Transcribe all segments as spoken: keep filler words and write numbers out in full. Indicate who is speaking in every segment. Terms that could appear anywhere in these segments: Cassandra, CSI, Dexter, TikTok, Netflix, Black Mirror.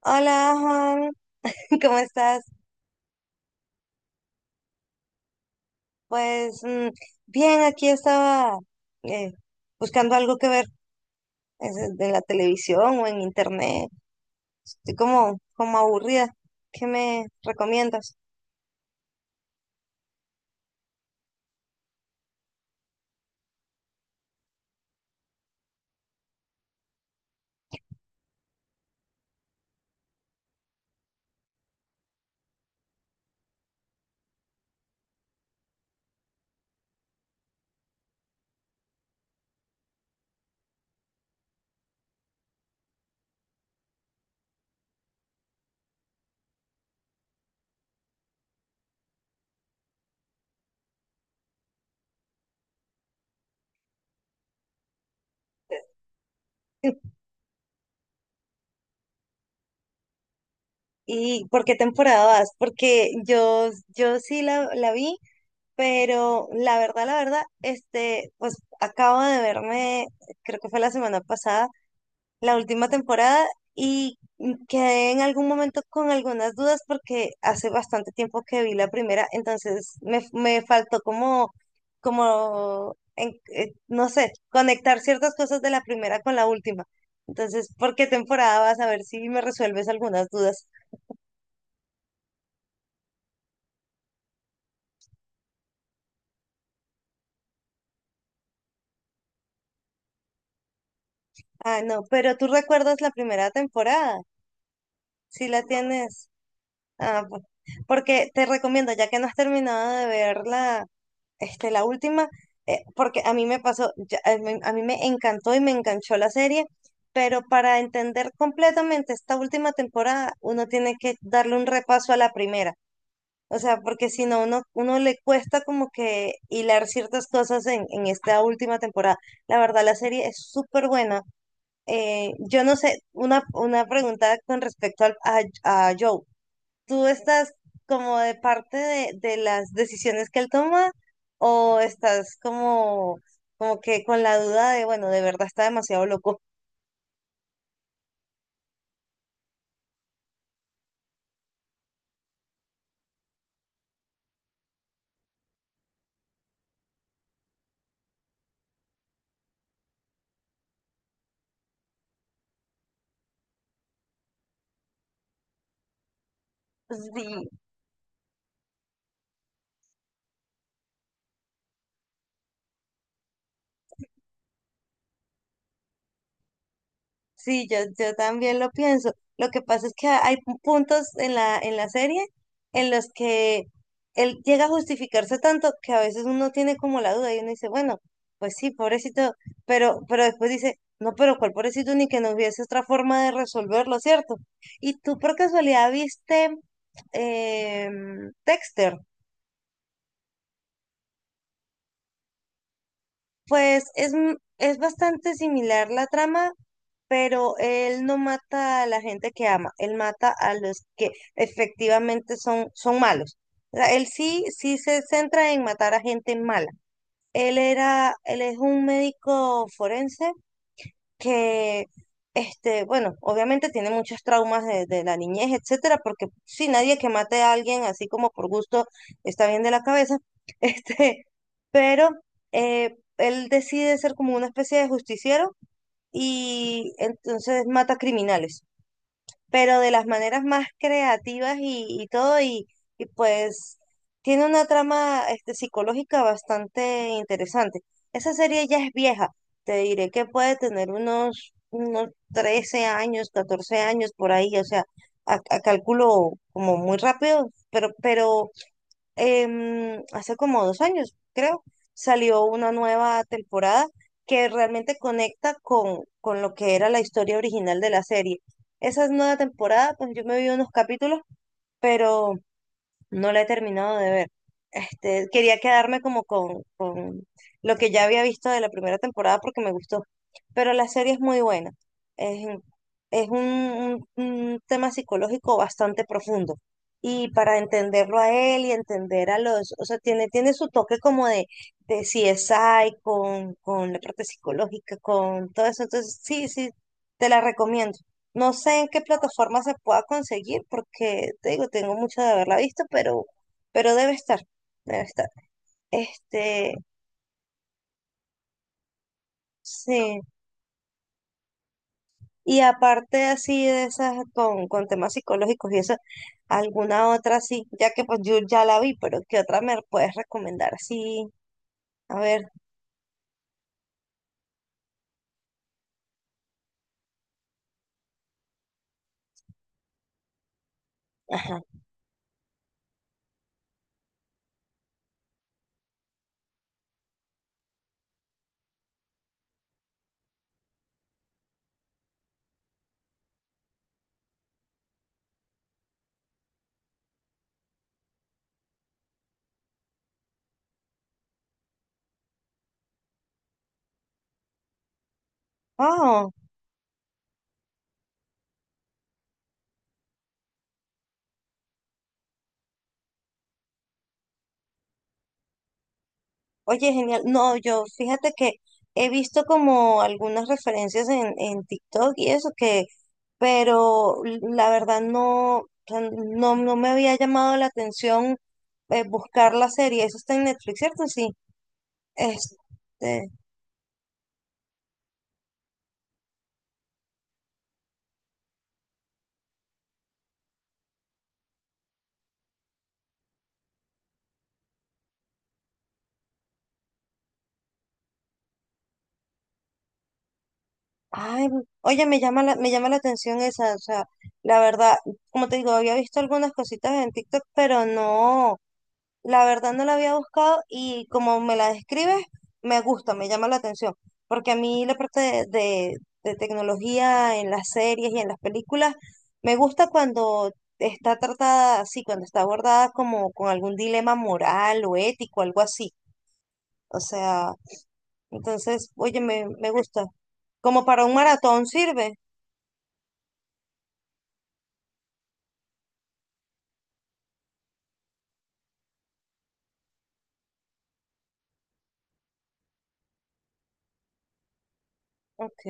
Speaker 1: Hola, Juan, ¿cómo estás? Pues mm, bien, aquí estaba eh, buscando algo que ver es, eh, en la televisión o en internet. Estoy como, como aburrida. ¿Qué me recomiendas? ¿Y por qué temporada vas? Porque yo, yo sí la, la vi, pero la verdad, la verdad, este, pues acabo de verme, creo que fue la semana pasada la última temporada y quedé en algún momento con algunas dudas porque hace bastante tiempo que vi la primera, entonces me, me faltó como, como en- eh, no sé, conectar ciertas cosas de la primera con la última. Entonces, ¿por qué temporada vas a ver si me resuelves algunas dudas? Ah, no, pero tú recuerdas la primera temporada, si la tienes. Ah, pues, porque te recomiendo, ya que no has terminado de ver la, este, la última, eh, porque a mí me pasó, ya- a mí, a mí me encantó y me enganchó la serie, pero para entender completamente esta última temporada, uno tiene que darle un repaso a la primera. O sea, porque si no, uno, uno le cuesta como que hilar ciertas cosas en, en esta última temporada. La verdad, la serie es súper buena. Eh, yo no sé, una, una pregunta con respecto al- a, a Joe. ¿Tú estás como de parte de, de las decisiones que él toma o estás como, como que con la duda de, bueno, de verdad está demasiado loco? Sí. Sí, yo, yo también lo pienso. Lo que pasa es que hay pu- puntos en la, en la serie en los que él llega a justificarse tanto que a veces uno tiene como la duda y uno dice, bueno, pues sí, pobrecito, pero, pero después dice, no, pero cuál pobrecito ni que no hubiese otra forma de resolverlo, ¿cierto? Y tú por casualidad viste em, Dexter, pues es, m- es bastante similar la trama, pero él no mata a la gente que ama, él mata a los que efectivamente son, son malos. O sea, él sí, sí se centra en matar a gente mala. Él era, él es un médico forense que, este, bueno, obviamente tiene muchos traumas de, de la niñez, etcétera, porque si nadie que mate a alguien así como por gusto está bien de la cabeza, este, pero eh, él decide ser como una especie de justiciero y entonces mata criminales, pero de las maneras más creativas y, y todo, y, y pues tiene una trama este, psicológica bastante interesante. Esa serie ya es vieja, te diré que puede tener unos, unos trece años, catorce años por ahí, o sea, a, a cálculo como muy rápido, pero, pero em, hace como dos años, creo, salió una nueva temporada que realmente conecta con, con lo que era la historia original de la serie. Esa nueva temporada, pues yo me vi unos capítulos, pero no la he terminado de ver. Este, quería quedarme como con, con lo que ya había visto de la primera temporada porque me gustó. Pero la serie es muy buena. Es, un- es un, un- un tema psicológico bastante profundo. Y para entenderlo a él y entender a los, o sea, tiene, tiene su toque como de, de C S I, con, con la parte psicológica, con todo eso. Entonces, sí, sí, te la recomiendo. No sé en qué plataforma se pueda conseguir porque te digo, tengo mucho de haberla visto, pero, pero debe estar, debe estar. Este, sí. Y aparte así de esas con, con temas psicológicos y eso, alguna otra sí, ya que pues yo ya la vi, pero ¿qué otra me puedes recomendar? Sí, a ver, ajá. Oh, oye, genial. No, yo fíjate que he visto como algunas referencias en, en TikTok y eso que, pero la verdad no, o sea, no, no me había llamado la atención eh, buscar la serie. Eso está en Netflix, ¿cierto? Sí. Este, ay, oye, me llama la, me llama la atención esa, o sea, la verdad, como te digo, había visto algunas cositas en TikTok, pero no. La verdad no la había buscado y como me la describes, me gusta, me llama la atención, porque a mí la parte de, de- de tecnología en las series y en las películas me gusta cuando está tratada así, cuando está abordada como con algún dilema moral o ético, algo así. O sea, entonces, oye, me, me gusta. Como para un maratón sirve. Ok.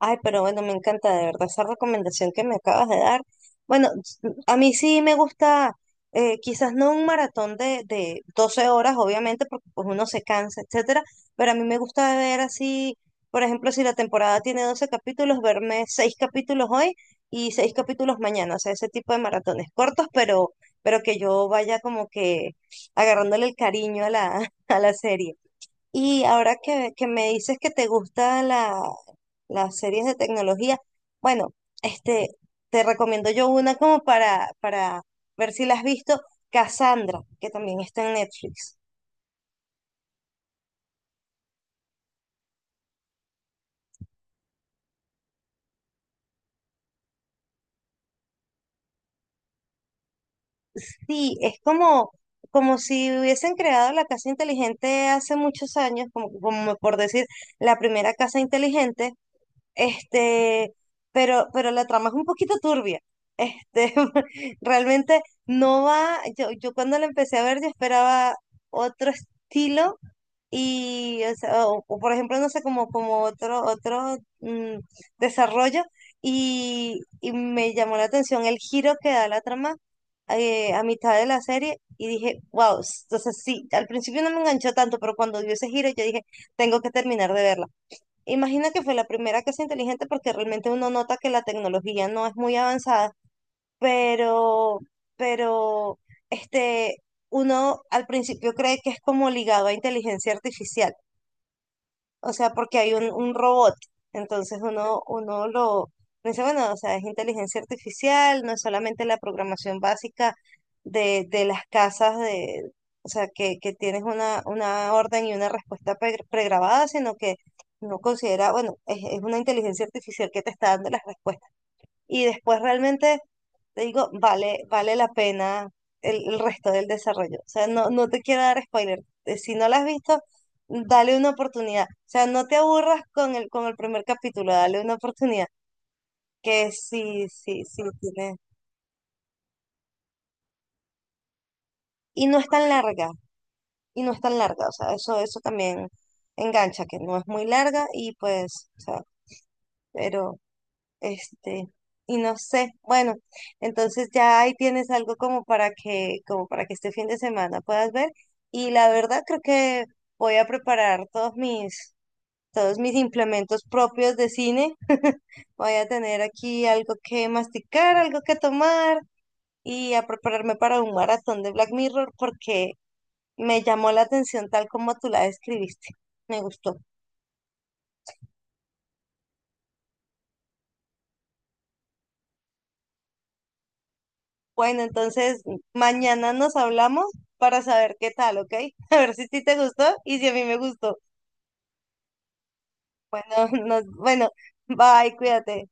Speaker 1: Ay, pero bueno, me encanta de verdad esa recomendación que me acabas de dar. Bueno, s- a mí sí me gusta, eh, quizás no un maratón de, de doce horas, obviamente, porque pues uno se cansa, etcétera, pero a mí me gusta ver así, por ejemplo, si la temporada tiene doce capítulos, verme seis capítulos hoy y seis capítulos mañana, o sea, ese tipo de maratones cortos, pero, pero que yo vaya como que agarrándole el cariño a la, a la serie. Y ahora que, que me dices que te gustan la, las series de tecnología, bueno, este, te recomiendo yo una como para, para ver si la has visto, Cassandra, que también está en Netflix. Sí, es como, como si hubiesen creado la casa inteligente hace muchos años, como, como por decir, la primera casa inteligente. Este, pero, pero la trama es un poquito turbia. Este, realmente no va. Yo, yo cuando la empecé a ver, yo esperaba otro estilo. Y, o, sea, o- o por ejemplo, no sé, como, como otro, otro mm, desarrollo. Y, y me llamó la atención el giro que da la trama eh, a mitad de la serie. Y dije, wow. Entonces, sí, al principio no me enganchó tanto, pero cuando dio ese giro, yo dije, tengo que terminar de verla. Imagina que fue la primera casa inteligente porque realmente uno nota que la tecnología no es muy avanzada, pero, pero, este, uno al principio cree que es como ligado a inteligencia artificial, o sea, porque hay un, un robot. Entonces uno, uno lo dice, bueno, o sea, es inteligencia artificial, no es solamente la programación básica de, de las casas de, o sea, que, que tienes una, una orden y una respuesta pre- pregrabada, sino que no considera, bueno, es, es una inteligencia artificial que te está dando las respuestas y después realmente te digo, vale, vale la pena el, el resto del desarrollo. O sea, no, no te quiero dar spoiler. Eh, Si no la has visto, dale una oportunidad. O sea, no te aburras con el, con el primer capítulo, dale una oportunidad. Que sí, sí, sí tiene. Y no es tan larga, y no es tan larga. O sea, eso, eso también engancha, que no es muy larga y pues, o sea, pero... Este, y no sé, bueno, entonces ya ahí tienes algo como para que, como para que este fin de semana puedas ver. Y la verdad creo que voy a preparar todos mis, todos mis implementos propios de cine. Voy a tener aquí algo que masticar, algo que tomar y a prepararme para un maratón de Black Mirror porque me llamó la atención tal como tú la describiste. Me gustó. Bueno, entonces mañana nos hablamos para saber qué tal, ¿ok? A ver si a ti te gustó y si a mí me gustó. Bueno, nos, bueno, bye, cuídate.